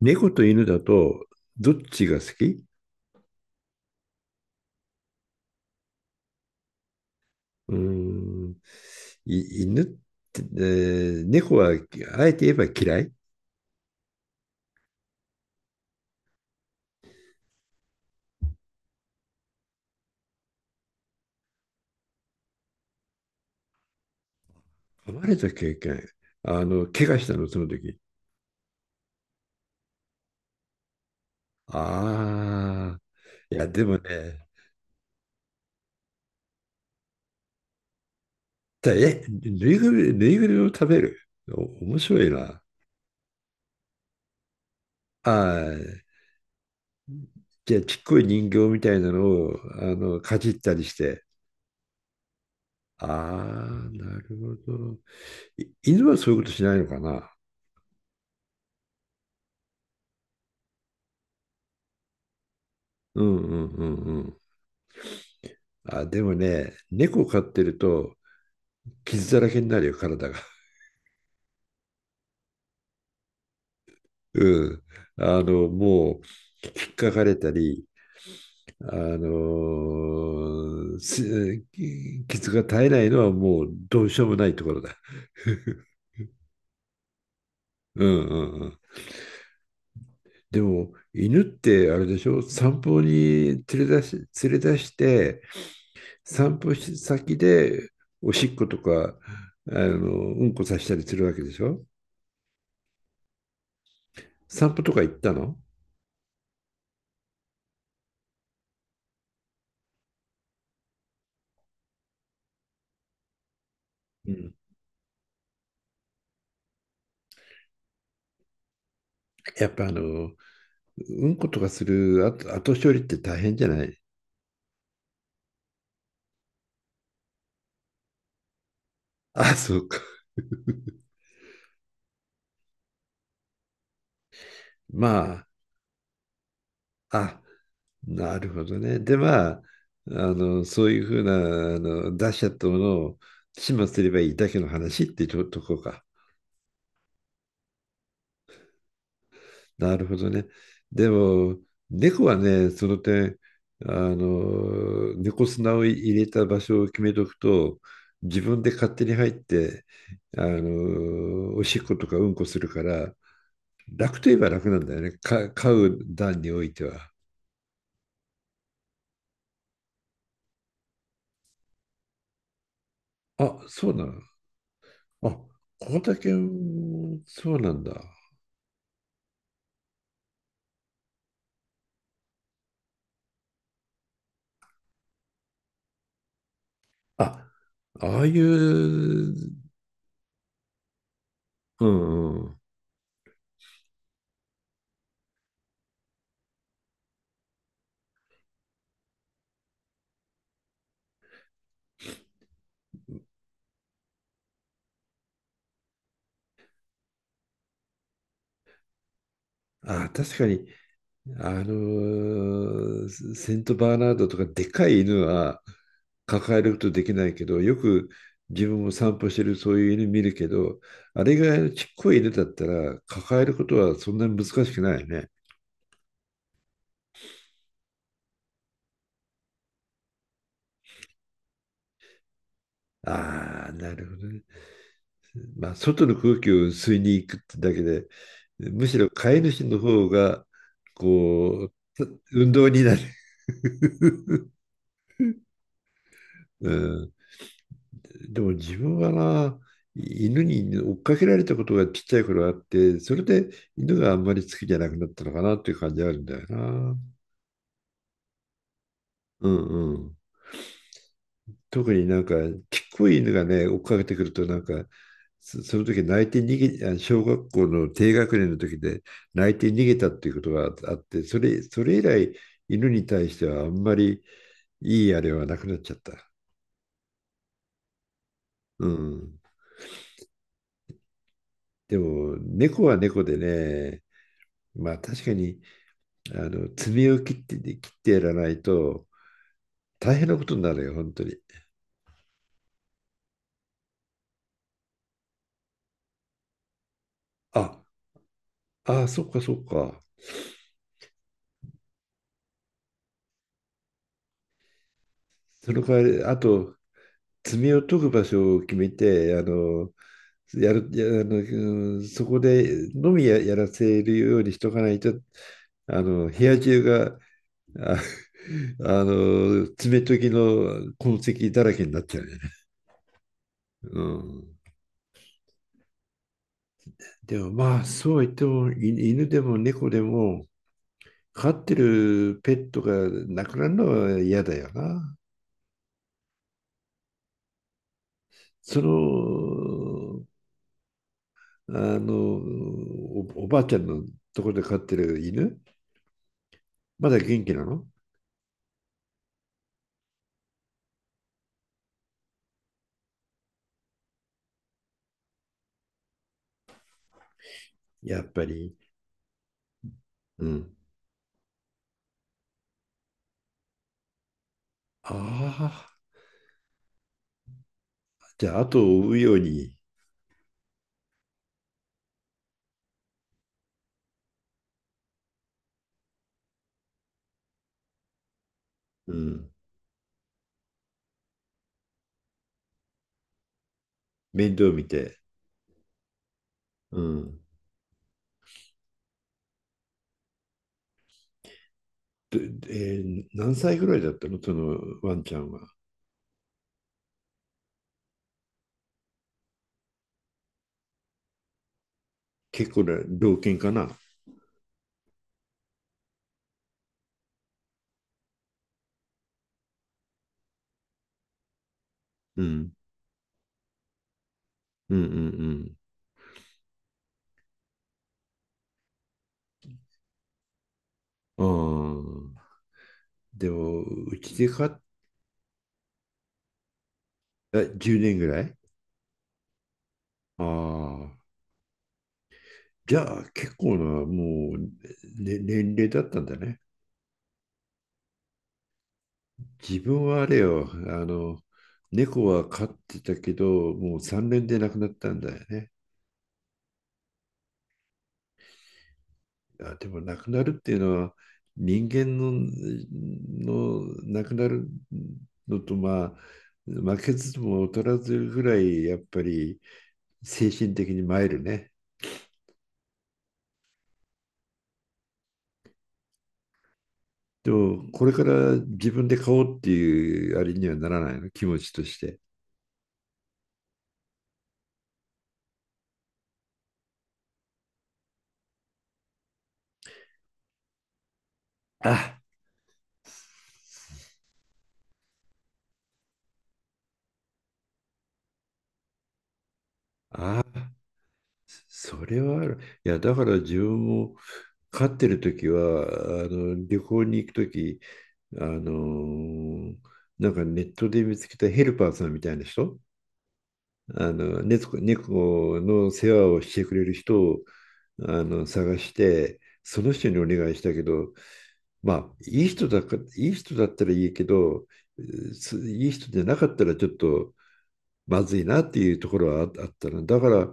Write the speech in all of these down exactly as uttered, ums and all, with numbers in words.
猫と犬だと、どっちが好き？うーん、い犬って、えー猫は、あえて言えば嫌い。噛まれた経験。あの、怪我したの、その時？ああ、いや、でもね、たえ、ぬいぐるみ、ぬいぐるみを食べる。お、面白いな。ああ、じゃあ、ちっこい人形みたいなのを、あの、かじったりして。ああ、なるほど。い犬はそういうことしないのかな。うんうんうんうん。あ、でもね、猫飼ってると傷だらけになるよ、体が。うん。あの、もう、引っかかれたり、あのーす傷が絶えないのはもうどうしようもないところだ。うんうんうん。でも、犬ってあれでしょ、散歩に連れ出し、連れ出して、散歩し先でおしっことか、あの、うんこさせたりするわけでしょ？散歩とか行ったの？うん。やっぱあの、うんことかする後後処理って大変じゃない？ あ、そうか。まあ、あ、なるほどね。で、まあ、あの、そういうふうな、あの、出しちゃったものを始末すればいいだけの話ってととこか。なるほどね。でも、猫はね、その点、あの、猫砂を入れた場所を決めとくと、自分で勝手に入って、あの、おしっことかうんこするから、楽といえば楽なんだよね。か買う段においては。あ、そうなの？あ、小竹もそうなんだ。あ、ああいう、うんうん。あ、確かに、あのーセントバーナードとかでかい犬は抱えることできないけど、よく自分も散歩してるそういう犬見るけど、あれぐらいのちっこい犬だったら抱えることはそんなに難しくないよね。ああ、なるほどね。まあ、外の空気を吸いに行くってだけで、むしろ飼い主の方が、こう、運動になる。うん、でも自分はな、犬に追っかけられたことがちっちゃい頃あって、それで犬があんまり好きじゃなくなったのかなっていう感じあるんだよな。うんうん。特になんか、ちっこい犬がね、追っかけてくると、なんか、そその時泣いて逃げ、あ小学校の低学年の時で泣いて逃げたっていうことがあって、それ、それ以来、犬に対してはあんまりいいあれはなくなっちゃった。うん。でも、猫は猫でね、まあ確かに、あの、爪を切って、切ってやらないと大変なことになるよ、本当に。あ、ああ、そっかそっか。その代わり、あと、罪を解く場所を決めて、あの、やる、や、あの、うんそこでのみや、やらせるようにしとかないと、あの、部屋中が、あ、あの、爪研ぎの痕跡だらけになっちゃうよね。うん。でもまあ、そうは言っても、い犬でも猫でも、飼ってるペットが亡くなるのは嫌だよな。その、あの、お、おばあちゃんのところで飼ってる犬、まだ元気なの？やっぱり。うん。ああ、じゃあ、後を追うように、うん、面倒見て。うん。で、えー何歳ぐらいだったのそのワンちゃんは？結構な老犬かな。うん。うんうんうん。ああ。でも、うちで飼ったじゅうねんぐらい。ああ。じゃあ、結構な、もう、ね、年齢だったんだね。自分はあれよ、あの、猫は飼ってたけど、もうさんねんで亡くなったんだよね。あ、でも亡くなるっていうのは、人間の、の亡くなるのと、まあ、負けずとも劣らずぐらい、やっぱり精神的に参るね。でも、これから自分で飼おうっていうあれにはならないの、気持ちとして？ああ、それはある。いや、だから自分も飼ってる時は、あの旅行に行く時、あのなんかネットで見つけたヘルパーさんみたいな人、あの猫、猫の世話をしてくれる人をあの探して、その人にお願いしたけど、まあ、いい人だか、いい人だったらいいけど、すいい人じゃなかったらちょっとまずいなっていうところはああったの。だから、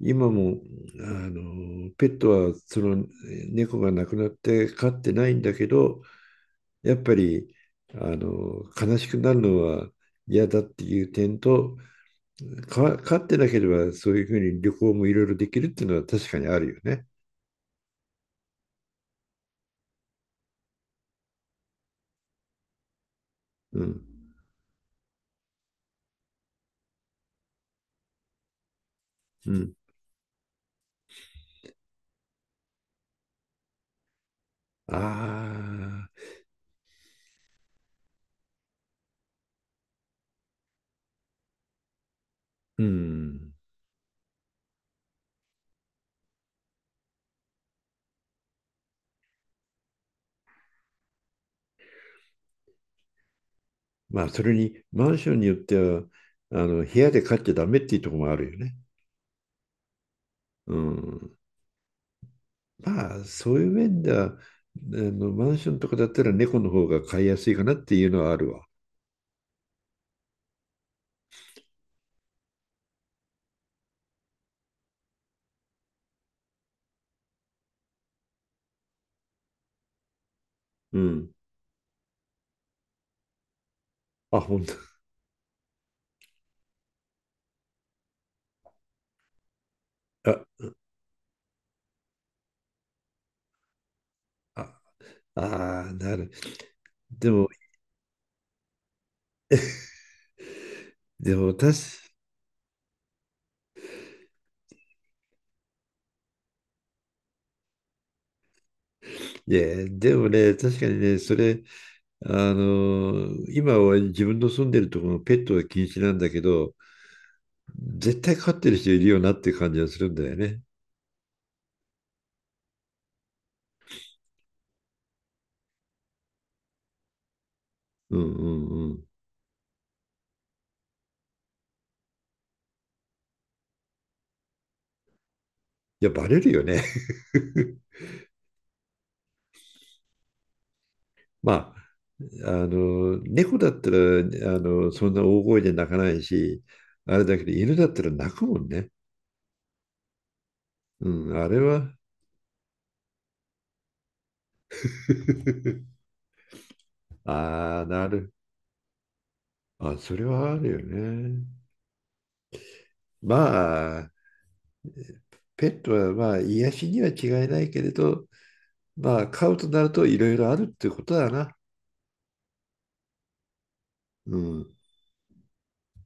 今も、あの、ペットは、その、猫が亡くなって飼ってないんだけど、やっぱり、あの、悲しくなるのは嫌だっていう点と、か飼ってなければ、そういうふうに旅行もいろいろできるっていうのは確かにあるよね。うん。うん。ああ、うん。まあ、それに、マンションによっては、あの、部屋で飼っちゃダメっていうところもあるよね。うん。まあ、そういう面では、あの、マンションとかだったら猫の方が飼いやすいかなっていうのはあるわ。うん。あ、本当？あ、あ、ああ、なる。でも、でも、確かいや、でもね、確かにね、それ、あの、今は自分の住んでるところのペットは禁止なんだけど、絶対飼ってる人いるよなっていう感じがするんだよね。うんうんうん。いや、バレるよね。まあ、あの、猫だったら、あの、そんな大声で泣かないし、あれだけど、犬だったら泣くもんね。うん、あれは。ああ、なる。あ、それはあるよね。まあ、ペットはまあ、癒しには違いないけれど、まあ、飼うとなるといろいろあるってことだな。うん。